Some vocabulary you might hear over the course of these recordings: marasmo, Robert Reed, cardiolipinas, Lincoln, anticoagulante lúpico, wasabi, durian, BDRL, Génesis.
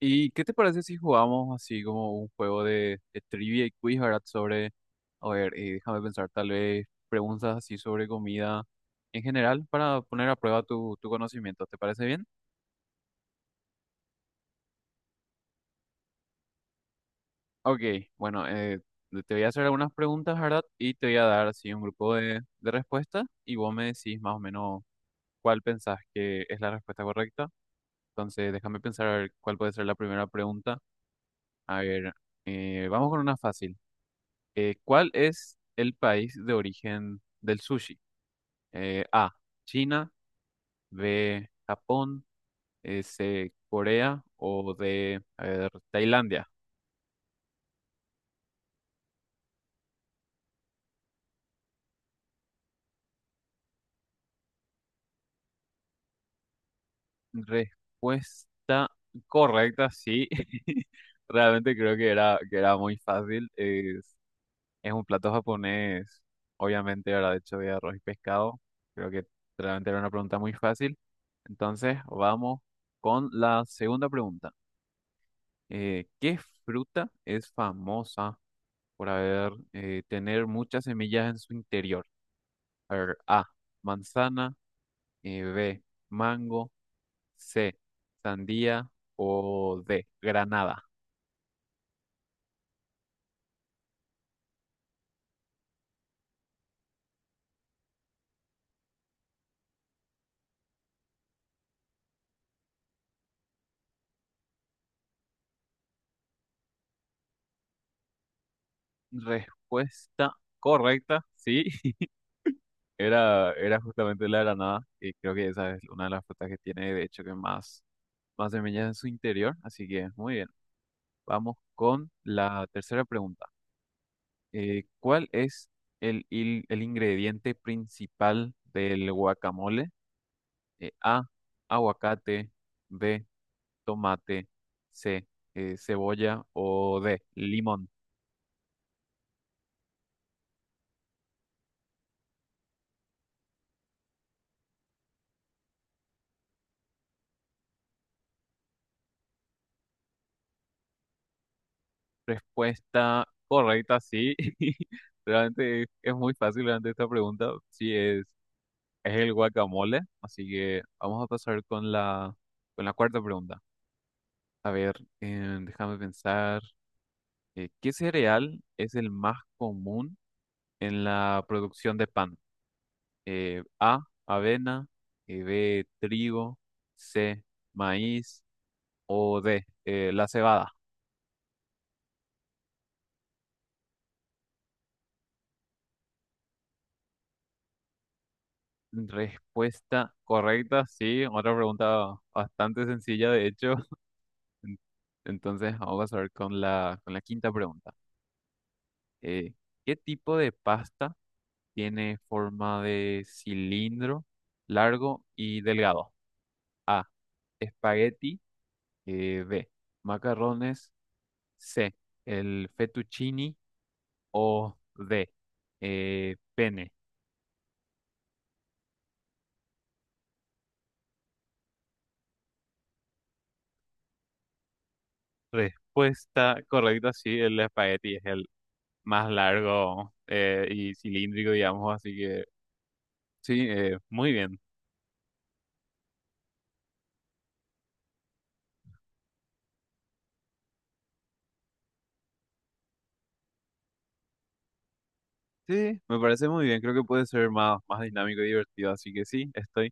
¿Y qué te parece si jugamos así como un juego de trivia y quiz, ¿verdad? Sobre, a ver, déjame pensar, tal vez preguntas así sobre comida en general para poner a prueba tu conocimiento. ¿Te parece bien? Ok, bueno, te voy a hacer algunas preguntas, ¿verdad? Y te voy a dar así un grupo de respuestas y vos me decís más o menos cuál pensás que es la respuesta correcta. Entonces, déjame pensar a ver cuál puede ser la primera pregunta. A ver, vamos con una fácil. ¿Cuál es el país de origen del sushi? A, China, B, Japón, C, Corea o D, a ver, Tailandia. Respuesta correcta, sí. Realmente creo que era muy fácil. Es un plato japonés, obviamente, ¿verdad? Hecho de arroz y pescado. Creo que realmente era una pregunta muy fácil. Entonces, vamos con la segunda pregunta. ¿Qué fruta es famosa por haber tener muchas semillas en su interior? A ver, A, manzana, B, mango, C, sandía o D, granada. Respuesta correcta, sí, era, era justamente la granada y creo que esa es una de las frutas que tiene de hecho que más, más semillas en su interior, así que muy bien. Vamos con la tercera pregunta. ¿Cuál es el ingrediente principal del guacamole? A, aguacate, B, tomate, C, cebolla o D, limón. Respuesta correcta, sí. Realmente es muy fácil realmente esta pregunta. Sí, es el guacamole. Así que vamos a pasar con la cuarta pregunta. A ver, déjame pensar. ¿Qué cereal es el más común en la producción de pan? A, avena, B, trigo, C, maíz o D, la cebada. Respuesta correcta, sí. Otra pregunta bastante sencilla, de hecho. En- Entonces, vamos a ver con la quinta pregunta. Eh, ¿Qué tipo de pasta tiene forma de cilindro, largo y delgado? A, espagueti, B, macarrones. C. El fettuccini o D. Pene. Respuesta correcta, sí, el espagueti es el más largo y cilíndrico, digamos, así que sí, muy bien. Sí, me parece muy bien, creo que puede ser más, más dinámico y divertido, así que sí, estoy.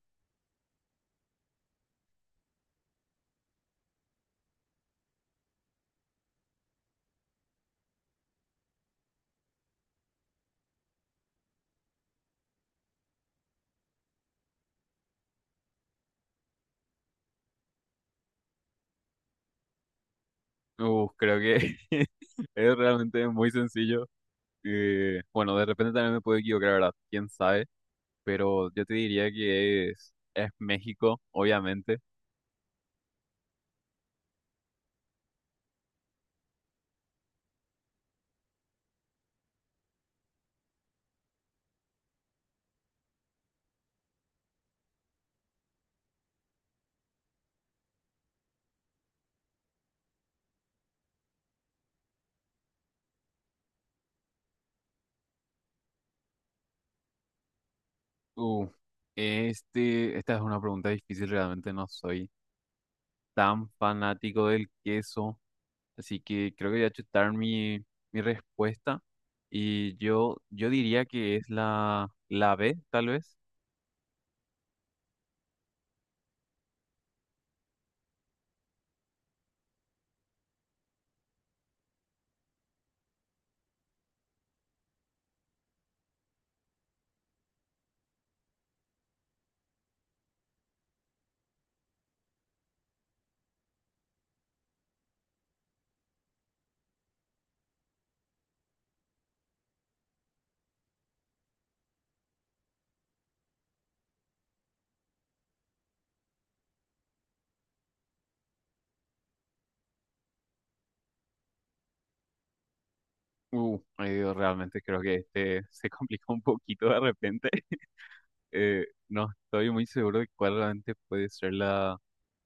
Uf, creo que es realmente muy sencillo. Bueno, de repente también me puedo equivocar, ¿verdad? ¿Quién sabe? Pero yo te diría que es México, obviamente. Uh, esta es una pregunta difícil, realmente no soy tan fanático del queso, así que creo que voy a chutar mi, mi respuesta y yo diría que es la, la B, tal vez. Ay, Dios, realmente creo que este se complica un poquito de repente. No estoy muy seguro de cuál realmente puede ser la,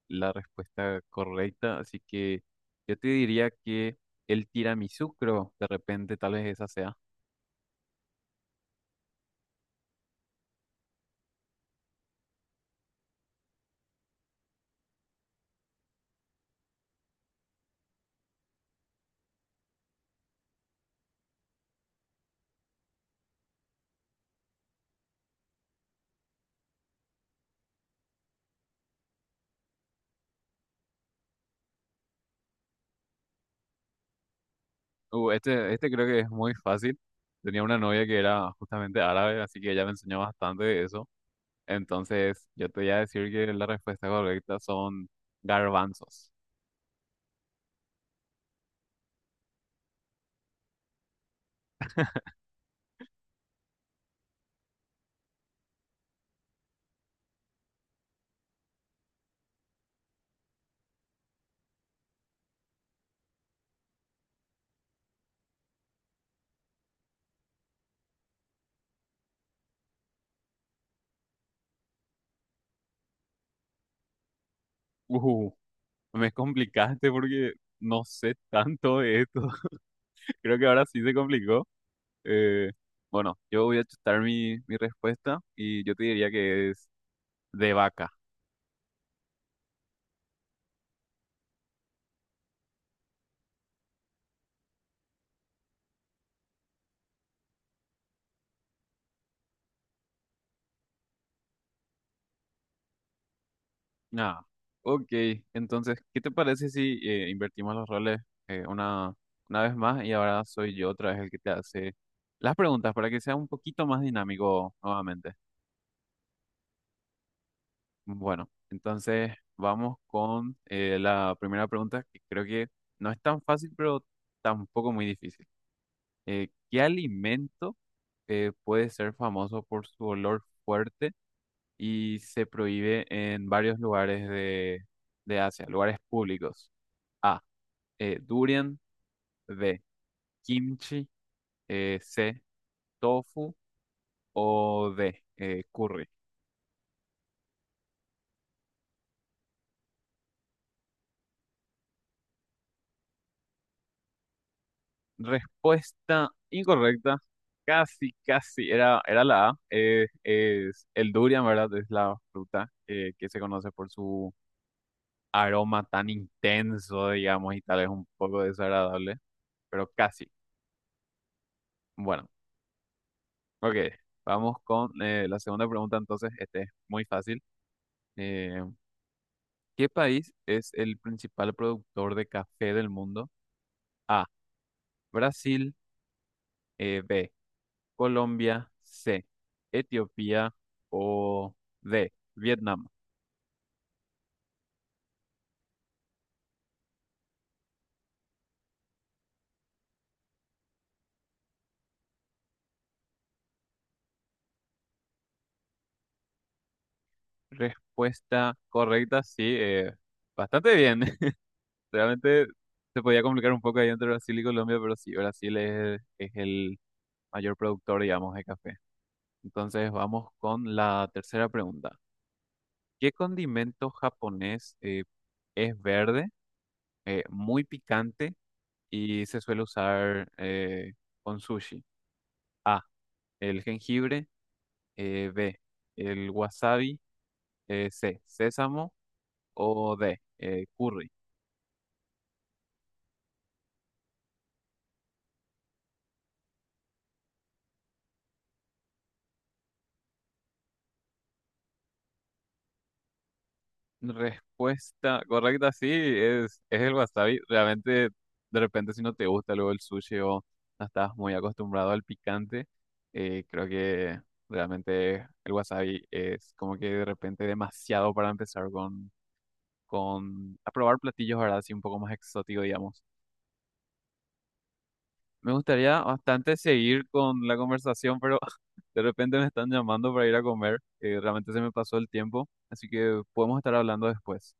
la respuesta correcta, así que yo te diría que el tiramisú, creo, de repente tal vez esa sea. Este creo que es muy fácil. Tenía una novia que era justamente árabe, así que ella me enseñó bastante de eso. Entonces, yo te voy a decir que la respuesta correcta son garbanzos. Uh, me complicaste porque no sé tanto de esto. Creo que ahora sí se complicó. Eh, bueno, yo voy a chutar mi, mi respuesta y yo te diría que es de vaca. Ah, ok. Entonces, ¿qué te parece si invertimos los roles eh, una, una vez más y ahora soy yo otra vez el que te hace las preguntas para que sea un poquito más dinámico nuevamente? Bueno, entonces vamos con la primera pregunta que creo que no es tan fácil, pero tampoco muy difícil. ¿Qué alimento puede ser famoso por su olor fuerte y se prohíbe en varios lugares de Asia, lugares públicos? A. Durian, B, kimchi, C, tofu o D, curry. Respuesta incorrecta, casi, casi, era, era la A. Es el durian, ¿verdad? Es la fruta que se conoce por su aroma tan intenso, digamos, y tal vez un poco desagradable, pero casi. Bueno, ok, vamos con la segunda pregunta entonces, este es muy fácil. Eh, ¿Qué país es el principal productor de café del mundo? A. Brasil. B. Colombia. C. Etiopía. O D. Vietnam. Respuesta correcta, sí. Bastante bien. Realmente se podía complicar un poco ahí entre Brasil y Colombia, pero sí, Brasil es el mayor productor, digamos, de café. Entonces vamos con la tercera pregunta. ¿Qué condimento japonés es verde, muy picante y se suele usar con sushi? A, el jengibre, B, el wasabi, C, sésamo o D, curry. Respuesta correcta, sí, es el wasabi. Realmente, de repente, si no te gusta luego el sushi o no estás muy acostumbrado al picante, creo que realmente el wasabi es como que de repente demasiado para empezar con a probar platillos, ¿verdad? Así un poco más exótico, digamos. Me gustaría bastante seguir con la conversación, pero de repente me están llamando para ir a comer, que realmente se me pasó el tiempo, así que podemos estar hablando después.